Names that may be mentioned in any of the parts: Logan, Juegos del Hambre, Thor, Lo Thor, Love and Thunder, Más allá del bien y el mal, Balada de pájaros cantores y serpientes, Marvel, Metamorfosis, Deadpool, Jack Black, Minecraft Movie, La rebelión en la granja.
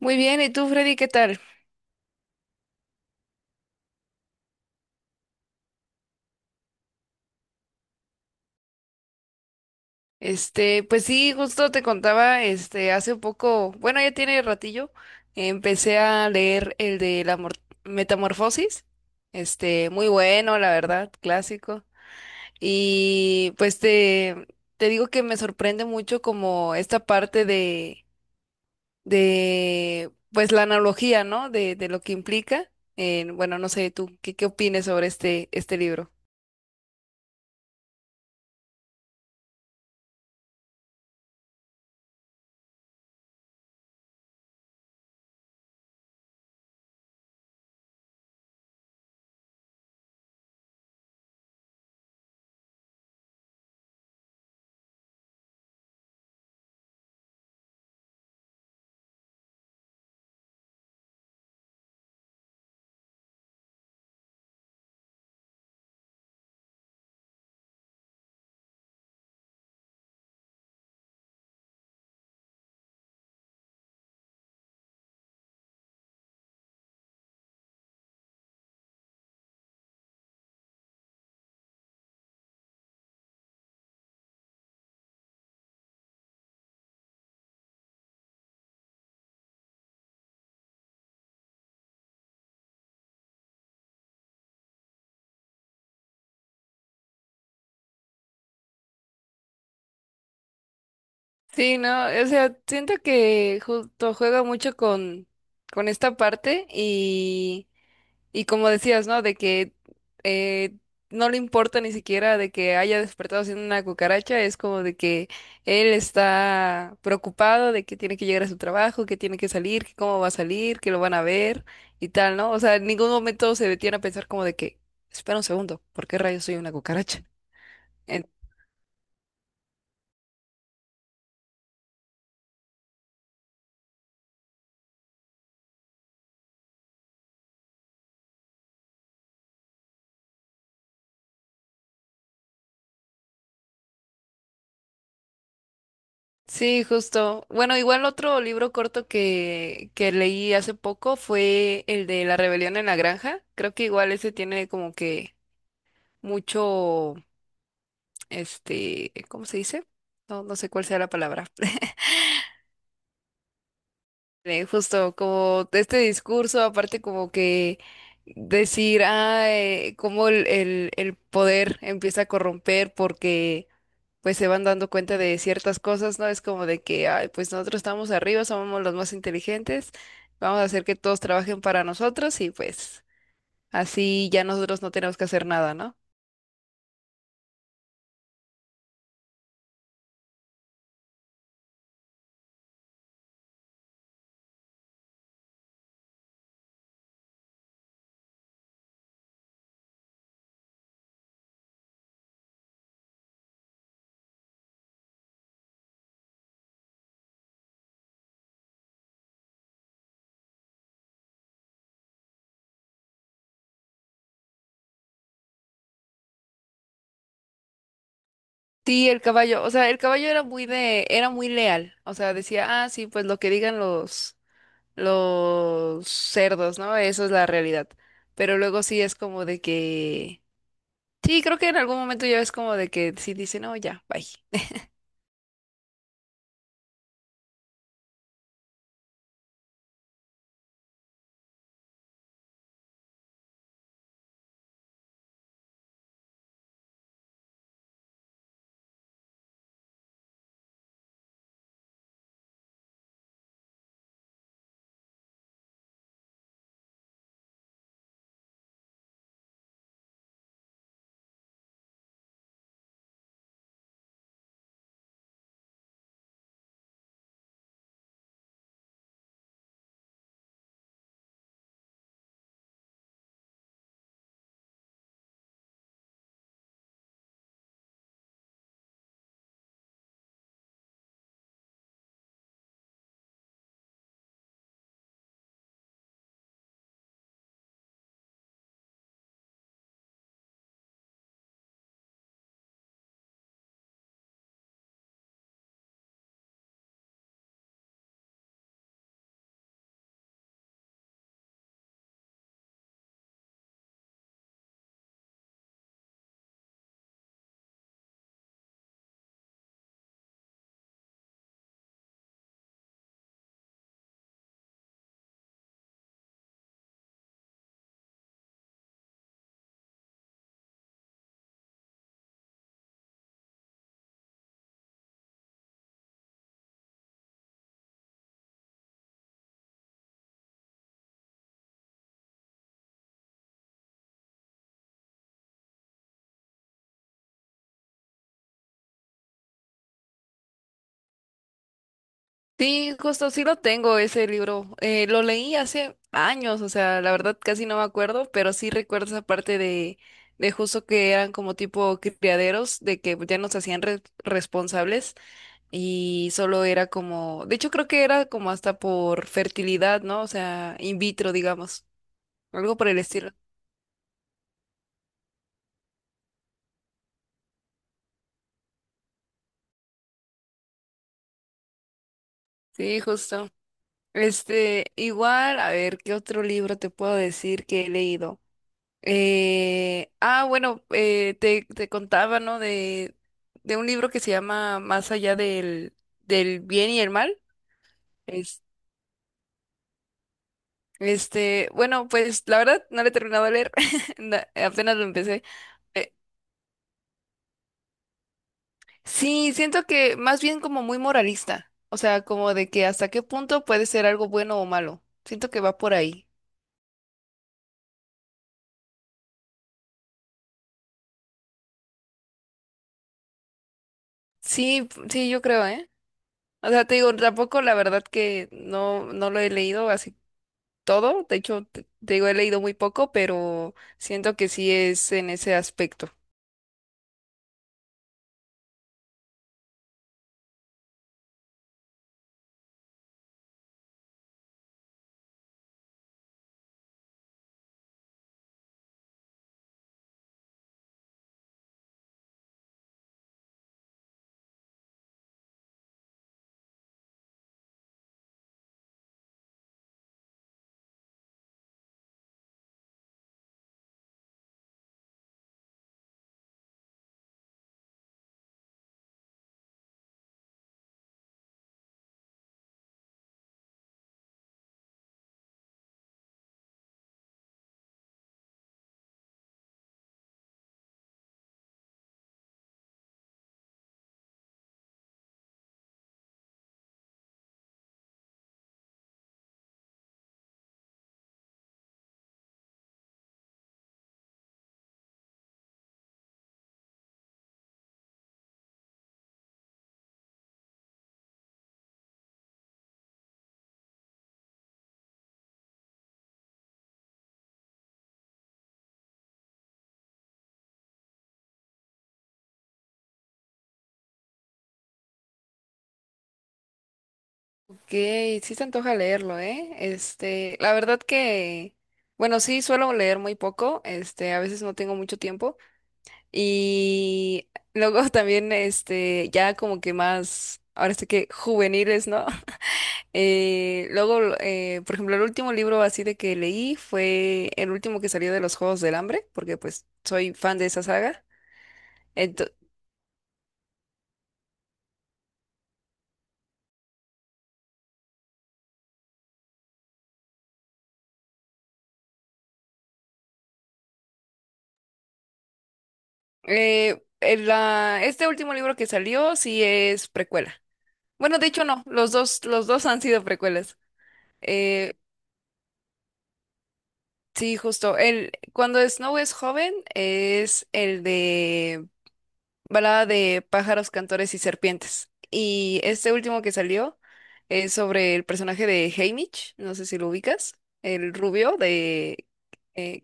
Muy bien, ¿y tú, Freddy, qué tal? Pues sí, justo te contaba, hace un poco, bueno, ya tiene ratillo, empecé a leer el de la Metamorfosis, muy bueno, la verdad, clásico. Y pues te digo que me sorprende mucho como esta parte de, pues la analogía, ¿no? De lo que implica. Bueno, no sé, tú, ¿qué opinas sobre este libro? Sí, no, o sea, siento que justo juega mucho con esta parte y como decías, ¿no? De que eh, no le importa ni siquiera de que haya despertado siendo una cucaracha, es como de que él está preocupado de que tiene que llegar a su trabajo, que tiene que salir, que cómo va a salir, que lo van a ver y tal, ¿no? O sea, en ningún momento se detiene a pensar como de que, espera un segundo, ¿por qué rayos soy una cucaracha? Sí, justo. Bueno, igual otro libro corto que leí hace poco fue el de La rebelión en la granja. Creo que igual ese tiene como que mucho, ¿cómo se dice? No, no sé cuál sea la palabra. Justo como este discurso, aparte como que decir, cómo el poder empieza a corromper porque pues se van dando cuenta de ciertas cosas, ¿no? Es como de que, ay, pues nosotros estamos arriba, somos los más inteligentes, vamos a hacer que todos trabajen para nosotros y pues así ya nosotros no tenemos que hacer nada, ¿no? Sí, el caballo, o sea, el caballo era muy leal, o sea, decía, ah, sí, pues lo que digan los cerdos, ¿no? Eso es la realidad. Pero luego sí es como de que, sí, creo que en algún momento ya es como de que sí dice, no, ya, bye. Sí, justo sí lo tengo ese libro. Lo leí hace años, o sea, la verdad casi no me acuerdo, pero sí recuerdo esa parte de justo que eran como tipo criaderos, de que ya nos hacían responsables y solo era como, de hecho creo que era como hasta por fertilidad, ¿no? O sea, in vitro, digamos, algo por el estilo. Sí, justo. Igual, a ver, ¿qué otro libro te puedo decir que he leído? Bueno, te contaba, ¿no? De un libro que se llama Más allá del bien y el mal. Es, bueno, pues la verdad no lo he terminado de leer, apenas lo empecé. Eh, sí, siento que más bien como muy moralista, o sea, como de que hasta qué punto puede ser algo bueno o malo. Siento que va por ahí. Sí, sí, yo creo, ¿eh? O sea, te digo, tampoco la verdad que no, no lo he leído, así todo. De hecho, te digo, he leído muy poco, pero siento que sí es en ese aspecto. Ok, sí se antoja leerlo, ¿eh? La verdad que, bueno, sí suelo leer muy poco, a veces no tengo mucho tiempo. Y luego también, ya como que más, ahora sí que juveniles, ¿no? Luego, por ejemplo, el último libro así de que leí fue el último que salió de los Juegos del Hambre, porque pues soy fan de esa saga. Ento- este último libro que salió sí es precuela. Bueno, de hecho no, los dos han sido precuelas. Eh, sí, justo. Cuando Snow es joven es el de Balada de pájaros, cantores y serpientes. Y este último que salió es sobre el personaje de Haymitch, no sé si lo ubicas, el rubio de... eh,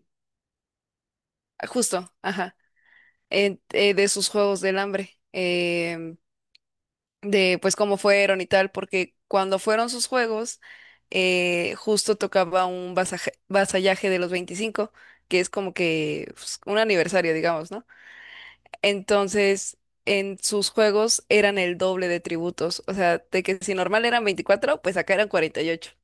justo, ajá, de sus Juegos del Hambre. De pues cómo fueron y tal, porque cuando fueron sus juegos, justo tocaba un vasallaje de los 25 que es como que pues, un aniversario, digamos, ¿no? Entonces, en sus juegos eran el doble de tributos, o sea, de que si normal eran 24 pues acá eran 48, y ocho,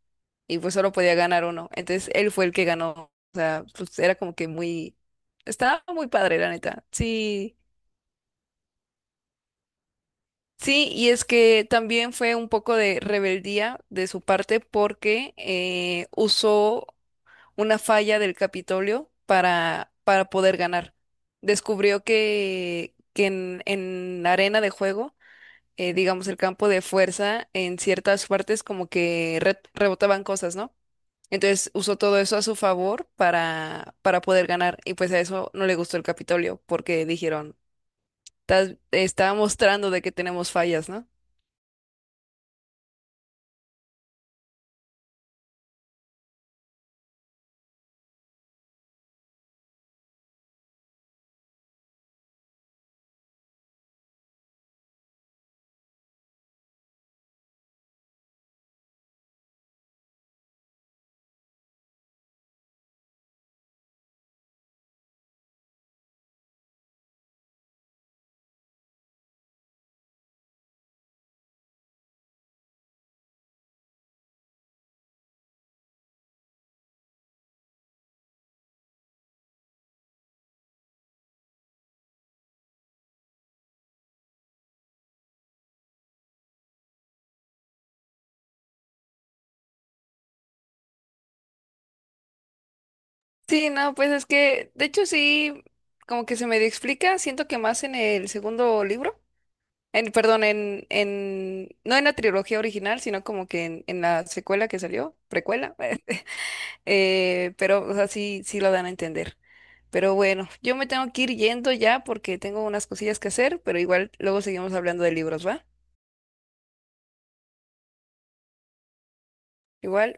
y pues solo podía ganar uno. Entonces, él fue el que ganó, o sea, pues era como que muy. Estaba muy padre, la neta. Sí, sí, y es que también fue un poco de rebeldía de su parte porque usó una falla del Capitolio para poder ganar. Descubrió que en la arena de juego, digamos el campo de fuerza, en ciertas partes como que rebotaban cosas, ¿no? Entonces usó todo eso a su favor para poder ganar y pues a eso no le gustó el Capitolio porque dijeron, Está mostrando de que tenemos fallas, ¿no? Sí, no, pues es que, de hecho sí, como que se me explica, siento que más en el segundo libro, en, perdón, no en la trilogía original, sino como que en la secuela que salió, precuela, pero, o sea, sí, sí lo dan a entender. Pero bueno, yo me tengo que ir yendo ya porque tengo unas cosillas que hacer, pero igual luego seguimos hablando de libros, ¿va? Igual.